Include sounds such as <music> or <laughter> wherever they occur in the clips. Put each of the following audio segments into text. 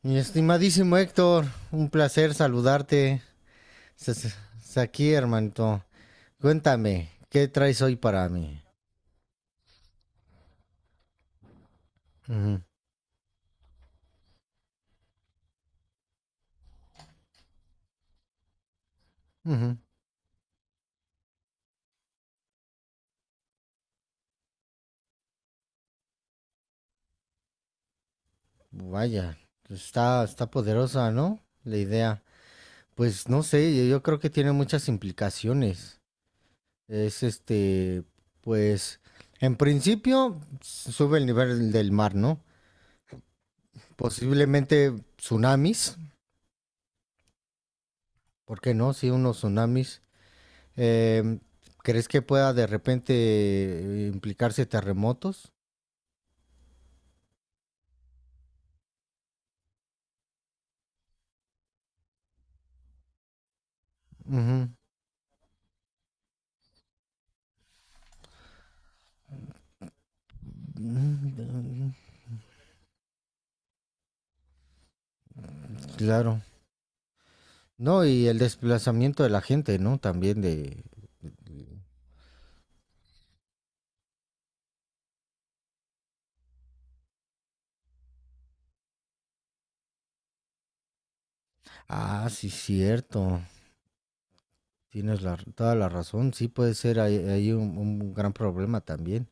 Mi estimadísimo Héctor, un placer saludarte. Aquí, hermanito. Cuéntame, ¿qué traes hoy para mí? Ujú, ujú. Vaya, está poderosa, ¿no? La idea. Pues no sé, yo creo que tiene muchas implicaciones. Es pues, en principio sube el nivel del mar, ¿no? Posiblemente tsunamis, ¿por qué no? Sí, unos tsunamis. Eh, ¿Crees que pueda de repente implicarse terremotos? Ujú. Mm, Claro. No, y el desplazamiento de la gente, ¿no? También de... Ah, sí, cierto. Toda la razón. Sí puede ser ahí un gran problema también.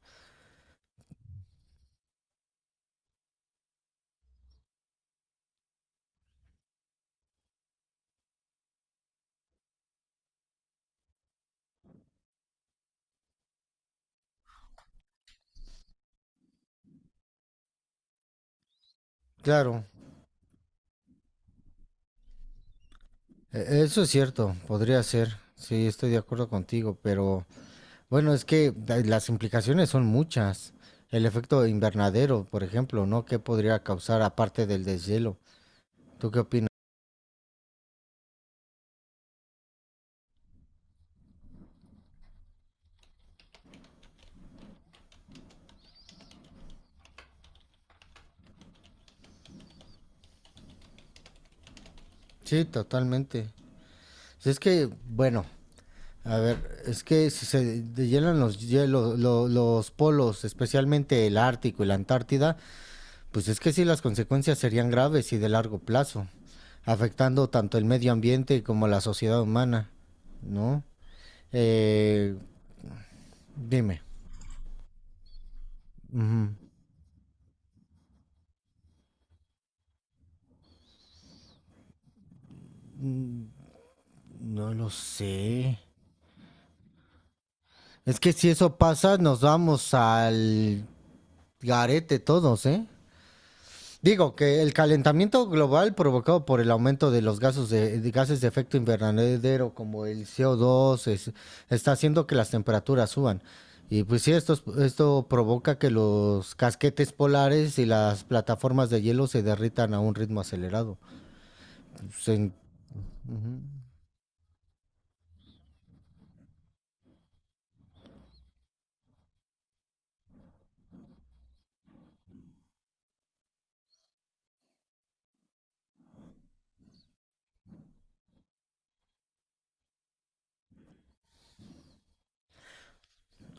Claro, eso es cierto. Podría ser. Sí, estoy de acuerdo contigo, pero bueno, es que las implicaciones son muchas. El efecto invernadero, por ejemplo, ¿no? ¿Qué podría causar aparte del deshielo? ¿Tú qué opinas? Sí, totalmente. Si es que, bueno, a ver, es que si se deshielan los hielos, los polos, especialmente el Ártico y la Antártida, pues es que sí las consecuencias serían graves y de largo plazo, afectando tanto el medio ambiente como la sociedad humana, ¿no? Eh, dime. Ujú. No lo sé. Es que si eso pasa, nos vamos al garete todos, ¿eh? Digo que el calentamiento global provocado por el aumento de los gases de gases de efecto invernadero como el CO2 está haciendo que las temperaturas suban. Y pues sí, esto provoca que los casquetes polares y las plataformas de hielo se derritan a un ritmo acelerado. Se- ujú.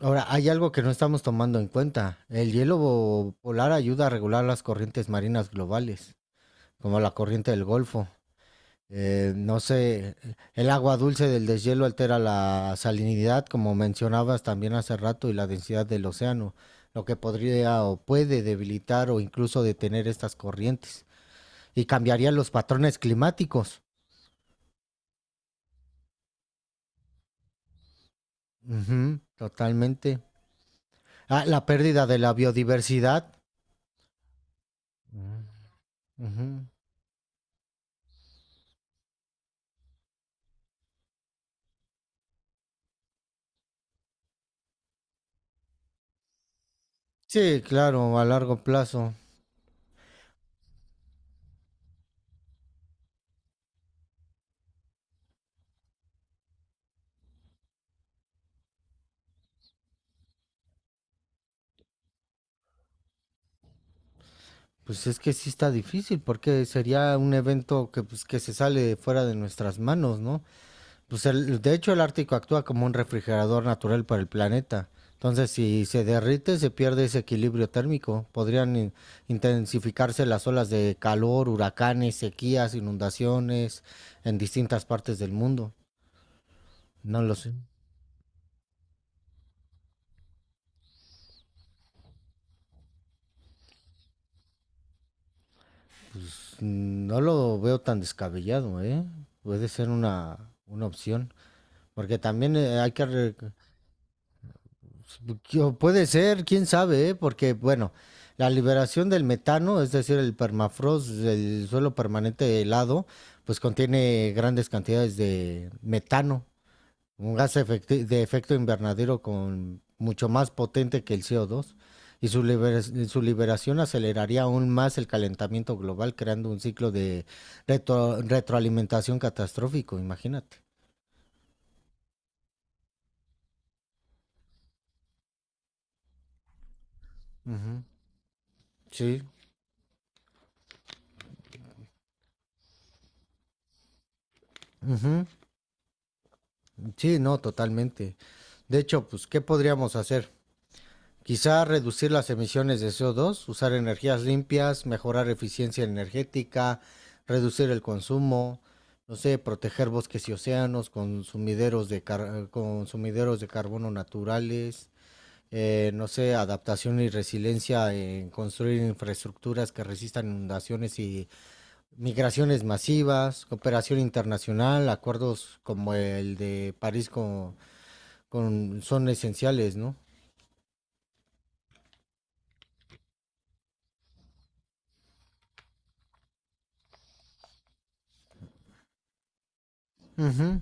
Ahora, hay algo que no estamos tomando en cuenta. El hielo polar ayuda a regular las corrientes marinas globales, como la corriente del Golfo. No sé, el agua dulce del deshielo altera la salinidad, como mencionabas también hace rato, y la densidad del océano, lo que podría o puede debilitar o incluso detener estas corrientes y cambiaría los patrones climáticos. Ujú, totalmente. Ah, la pérdida de la biodiversidad. Ujú. Sí, claro, a largo plazo. Pues es que sí está difícil porque sería un evento que, pues, que se sale fuera de nuestras manos, ¿no? De hecho el Ártico actúa como un refrigerador natural para el planeta. Entonces, si se derrite, se pierde ese equilibrio térmico. Intensificarse las olas de calor, huracanes, sequías, inundaciones en distintas partes del mundo. No lo sé. Pues no lo veo tan descabellado, ¿eh? Puede ser una opción. Porque también hay que... Puede ser, quién sabe, ¿eh? Porque, bueno, la liberación del metano, es decir, el permafrost, el suelo permanente helado, pues contiene grandes cantidades de metano, un gas de efecto invernadero con mucho más potente que el CO2. Y su liberación aceleraría aún más el calentamiento global, creando un ciclo de retroalimentación catastrófico, imagínate. Ujú, sí. Ujú. Sí, no, totalmente. De hecho, pues, ¿qué podríamos hacer? Quizá reducir las emisiones de co dos, usar energías limpias, mejorar eficiencia energética, reducir el consumo, no sé, proteger bosques y océanos, consumideros consumideros de carbono naturales, no sé, adaptación y resiliencia en construir infraestructuras que resistan inundaciones y migraciones masivas, cooperación internacional, acuerdos como el de París son esenciales, ¿no? Ujú,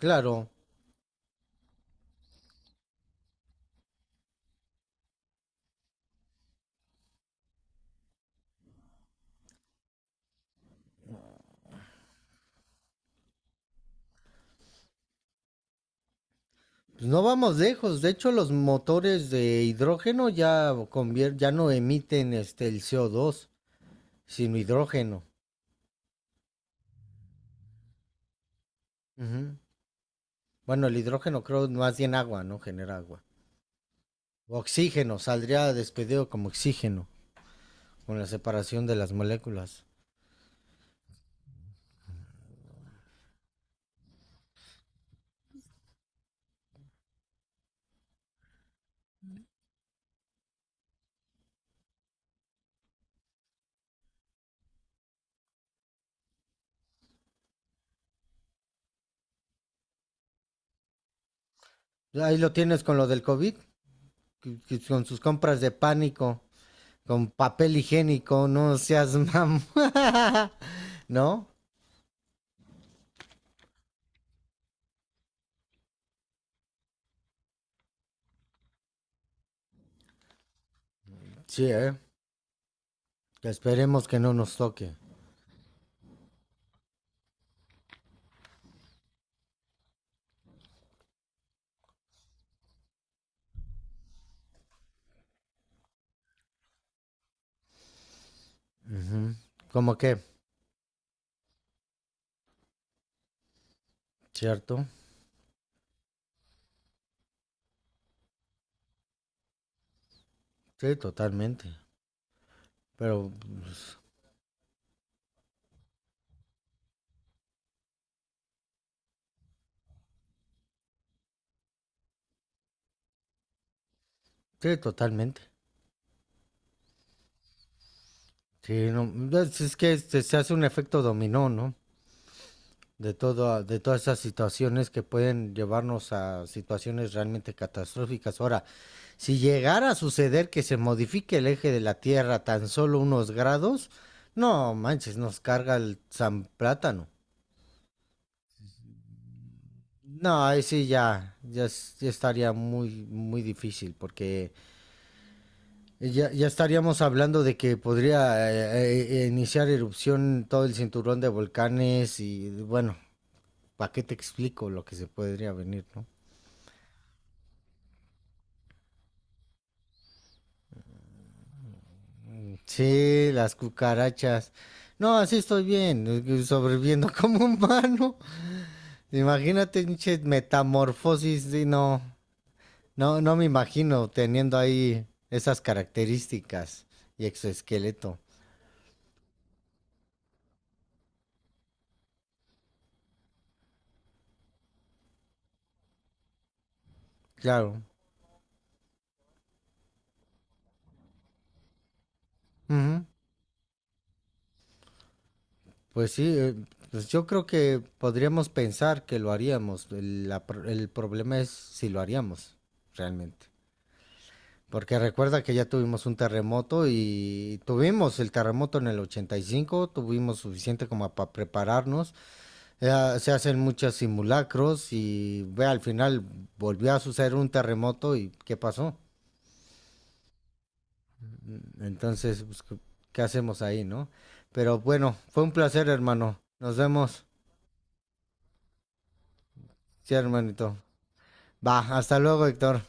claro. Pues no vamos lejos. De hecho, los motores de hidrógeno ya no emiten el CO2, sino hidrógeno. Ujú. Bueno, el hidrógeno creo más bien agua, ¿no? Genera agua. Oxígeno, saldría despedido como oxígeno, con la separación de las moléculas. Ahí lo tienes con lo del COVID, con sus compras de pánico, con papel higiénico, no seas mam... <laughs> ¿No? Sí, ¿eh? Esperemos que no nos toque. Ujú. ¿Cómo que? ¿Cierto? Sí, totalmente. Pero, pues, sí, totalmente. Sí, no, es que se hace un efecto dominó, ¿no? De todas esas situaciones que pueden llevarnos a situaciones realmente catastróficas. Ahora, si llegara a suceder que se modifique el eje de la Tierra tan solo unos grados, no manches, nos carga el San Plátano. No, ahí sí ya estaría muy, muy difícil porque ya estaríamos hablando de que podría iniciar erupción todo el cinturón de volcanes y bueno, ¿para qué te explico lo que se podría venir, no? Sí, las cucarachas. No, así estoy bien, sobreviviendo <laughs> como humano. Imagínate, pinche metamorfosis, sí, no me imagino teniendo ahí esas características y exoesqueleto. Claro. Ujú. Pues sí, pues yo creo que podríamos pensar que lo haríamos. El problema es si lo haríamos realmente. Porque recuerda que ya tuvimos un terremoto y tuvimos el terremoto en el 85 tuvimos suficiente como para prepararnos. Se hacen muchos simulacros y ve, al final volvió a suceder un terremoto y ¿qué pasó? Entonces, pues, ¿qué qué hacemos ahí, no? Pero bueno, fue un placer, hermano. Nos vemos. Sí, hermanito. Va, hasta luego, Héctor.